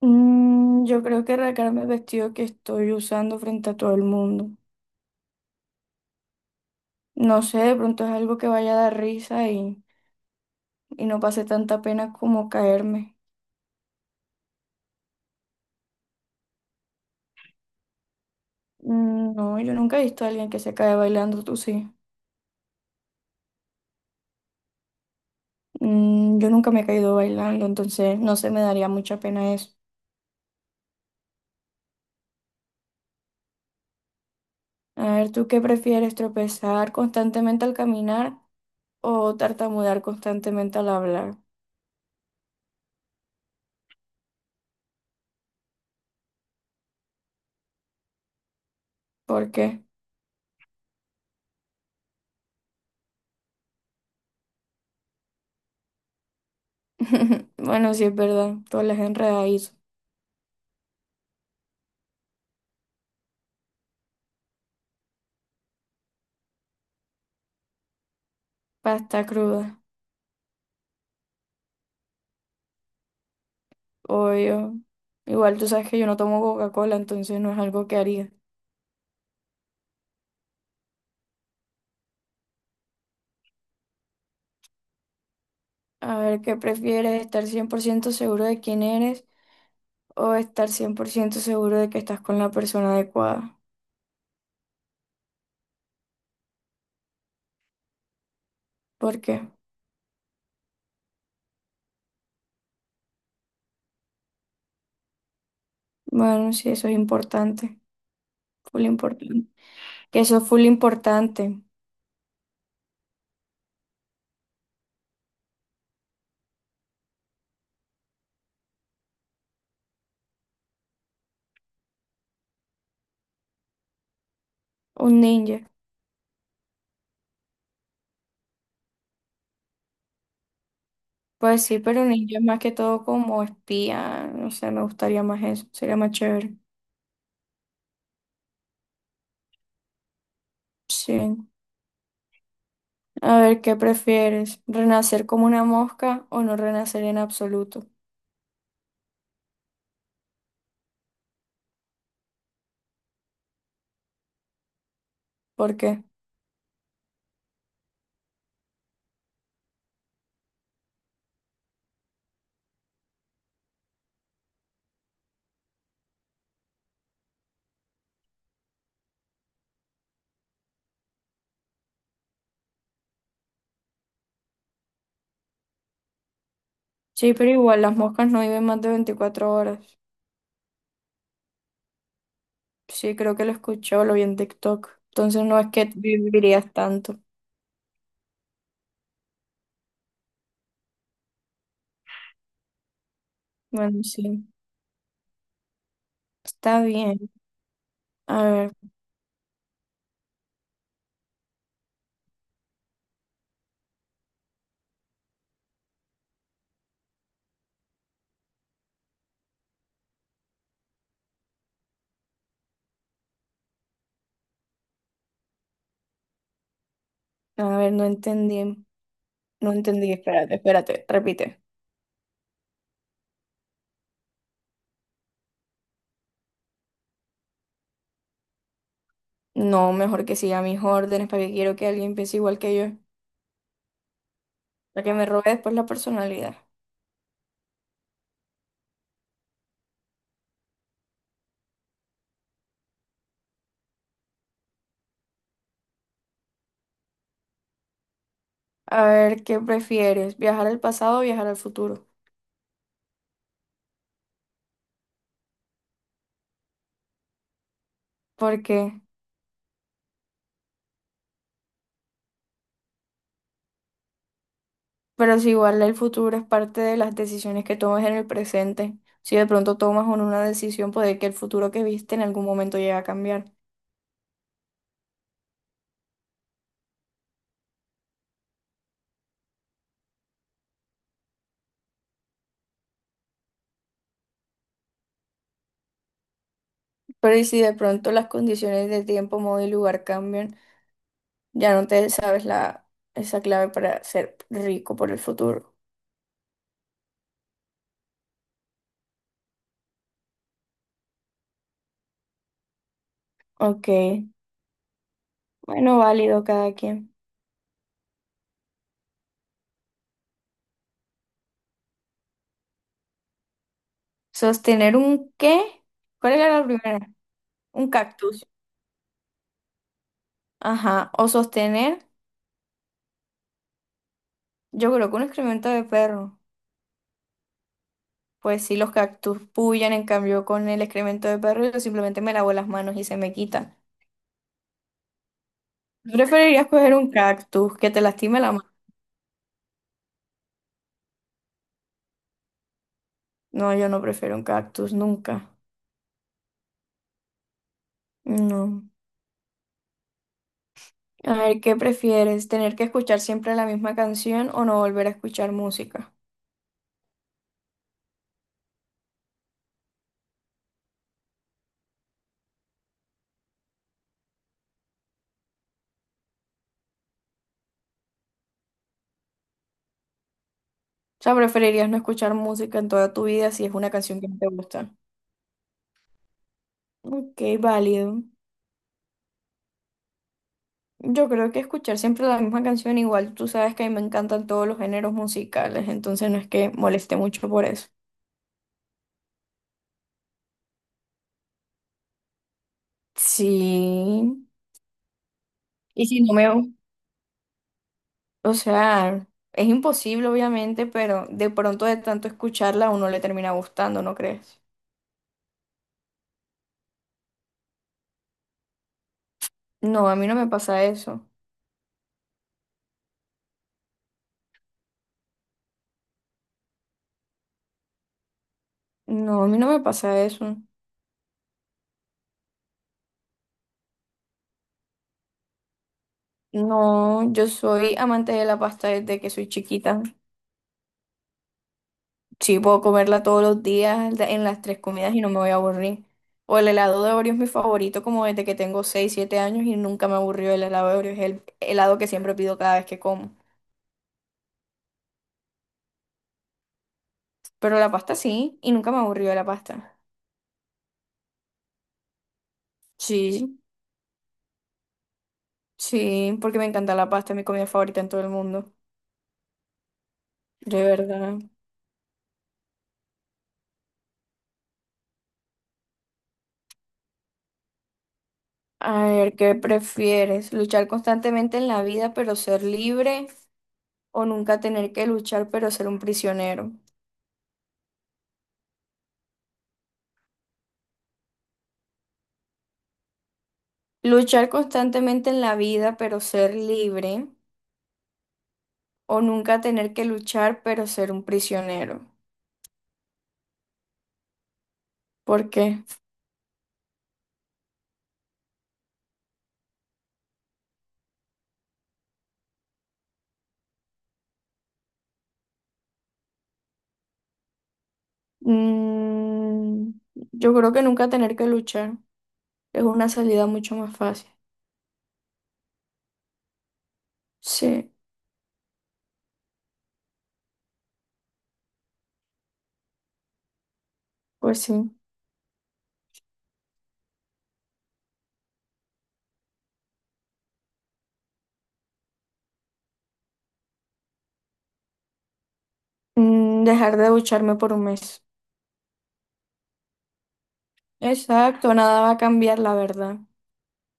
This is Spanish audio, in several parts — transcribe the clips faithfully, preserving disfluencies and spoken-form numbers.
Mm, yo creo que arrancarme el vestido que estoy usando frente a todo el mundo. No sé, de pronto es algo que vaya a dar risa y, y no pase tanta pena como caerme. Mm, no, yo nunca he visto a alguien que se cae bailando, tú sí. Mm, yo nunca me he caído bailando, entonces no se me daría mucha pena eso. A ver, ¿tú qué prefieres, tropezar constantemente al caminar o tartamudear constantemente al hablar? ¿Por qué? Bueno, sí es verdad, todas las enredadizas, pasta cruda. Obvio. Igual tú sabes que yo no tomo Coca-Cola, entonces no es algo que haría. A ver, ¿qué prefieres? ¿Estar cien por ciento seguro de quién eres o estar cien por ciento seguro de que estás con la persona adecuada? ¿Por qué? Bueno, sí, eso es importante. Full importante. Que eso es full importante. Un ninja. Pues sí, pero un ninja es más que todo como espía. No sé, me gustaría más eso. Sería más chévere. Sí. A ver, ¿qué prefieres? ¿Renacer como una mosca o no renacer en absoluto? ¿Por qué? Sí, pero igual las moscas no viven más de veinticuatro horas. Sí, creo que lo escuchó, lo vi en TikTok. Entonces no es que vivirías tanto. Bueno, sí, está bien. A ver, a ver, no entendí. No entendí, espérate, espérate, repite. No, mejor que siga mis órdenes para que quiero que alguien piense igual que yo, para que me robe después la personalidad. A ver, ¿qué prefieres? ¿Viajar al pasado o viajar al futuro? Porque pero si igual el futuro es parte de las decisiones que tomas en el presente, si de pronto tomas un- una decisión, puede que el futuro que viste en algún momento llegue a cambiar. Pero y si de pronto las condiciones de tiempo, modo y lugar cambian, ya no te sabes la, esa clave para ser rico por el futuro. Ok, bueno, válido cada quien. ¿Sostener un qué? ¿Cuál era la primera? Un cactus. Ajá, o sostener, yo creo que un excremento de perro. Pues sí, los cactus pullan, en cambio con el excremento de perro yo simplemente me lavo las manos y se me quitan. ¿Tú preferirías coger un cactus que te lastime la mano? No, yo no prefiero un cactus, nunca. No. A ver, ¿qué prefieres? ¿Tener que escuchar siempre la misma canción o no volver a escuchar música? O sea, ¿preferirías no escuchar música en toda tu vida si es una canción que no te gusta? Ok, válido. Yo creo que escuchar siempre la misma canción, igual tú sabes que a mí me encantan todos los géneros musicales, entonces no es que moleste mucho por eso. Sí, y si no me, o sea, es imposible obviamente, pero de pronto de tanto escucharla a uno le termina gustando, ¿no crees? No, a mí no me pasa eso. No, a mí no me pasa eso. No, yo soy amante de la pasta desde que soy chiquita. Sí, puedo comerla todos los días de- en las tres comidas y no me voy a aburrir. O el helado de Oreo es mi favorito como desde que tengo seis siete años y nunca me aburrió el helado de Oreo. Es el helado que siempre pido cada vez que como. Pero la pasta sí, y nunca me aburrió la pasta. Sí, sí, porque me encanta la pasta, es mi comida favorita en todo el mundo. De verdad. A ver, ¿qué prefieres? ¿Luchar constantemente en la vida pero ser libre o nunca tener que luchar pero ser un prisionero? ¿Luchar constantemente en la vida pero ser libre o nunca tener que luchar pero ser un prisionero? ¿Por qué? Mm, yo creo que nunca tener que luchar es una salida mucho más fácil. Sí. Pues sí. Mm, Dejar de ducharme por un mes. Exacto, nada va a cambiar, la verdad.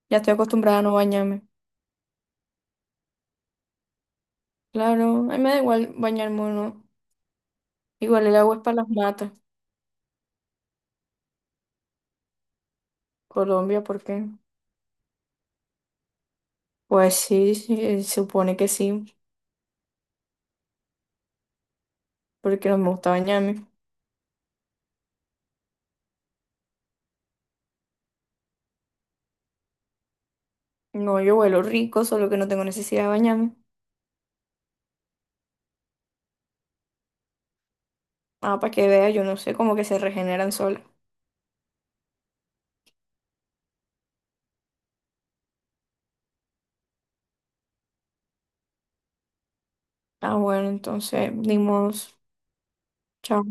Ya estoy acostumbrada a no bañarme. Claro, a mí me da igual bañarme o no. Igual el agua es para las matas. Colombia, ¿por qué? Pues sí, sí, eh, supone que sí, porque no me gusta bañarme. No, yo huelo rico, solo que no tengo necesidad de bañarme. Ah, para que vea, yo no sé, como que se regeneran solas. Ah, bueno, entonces, dimos. Chao.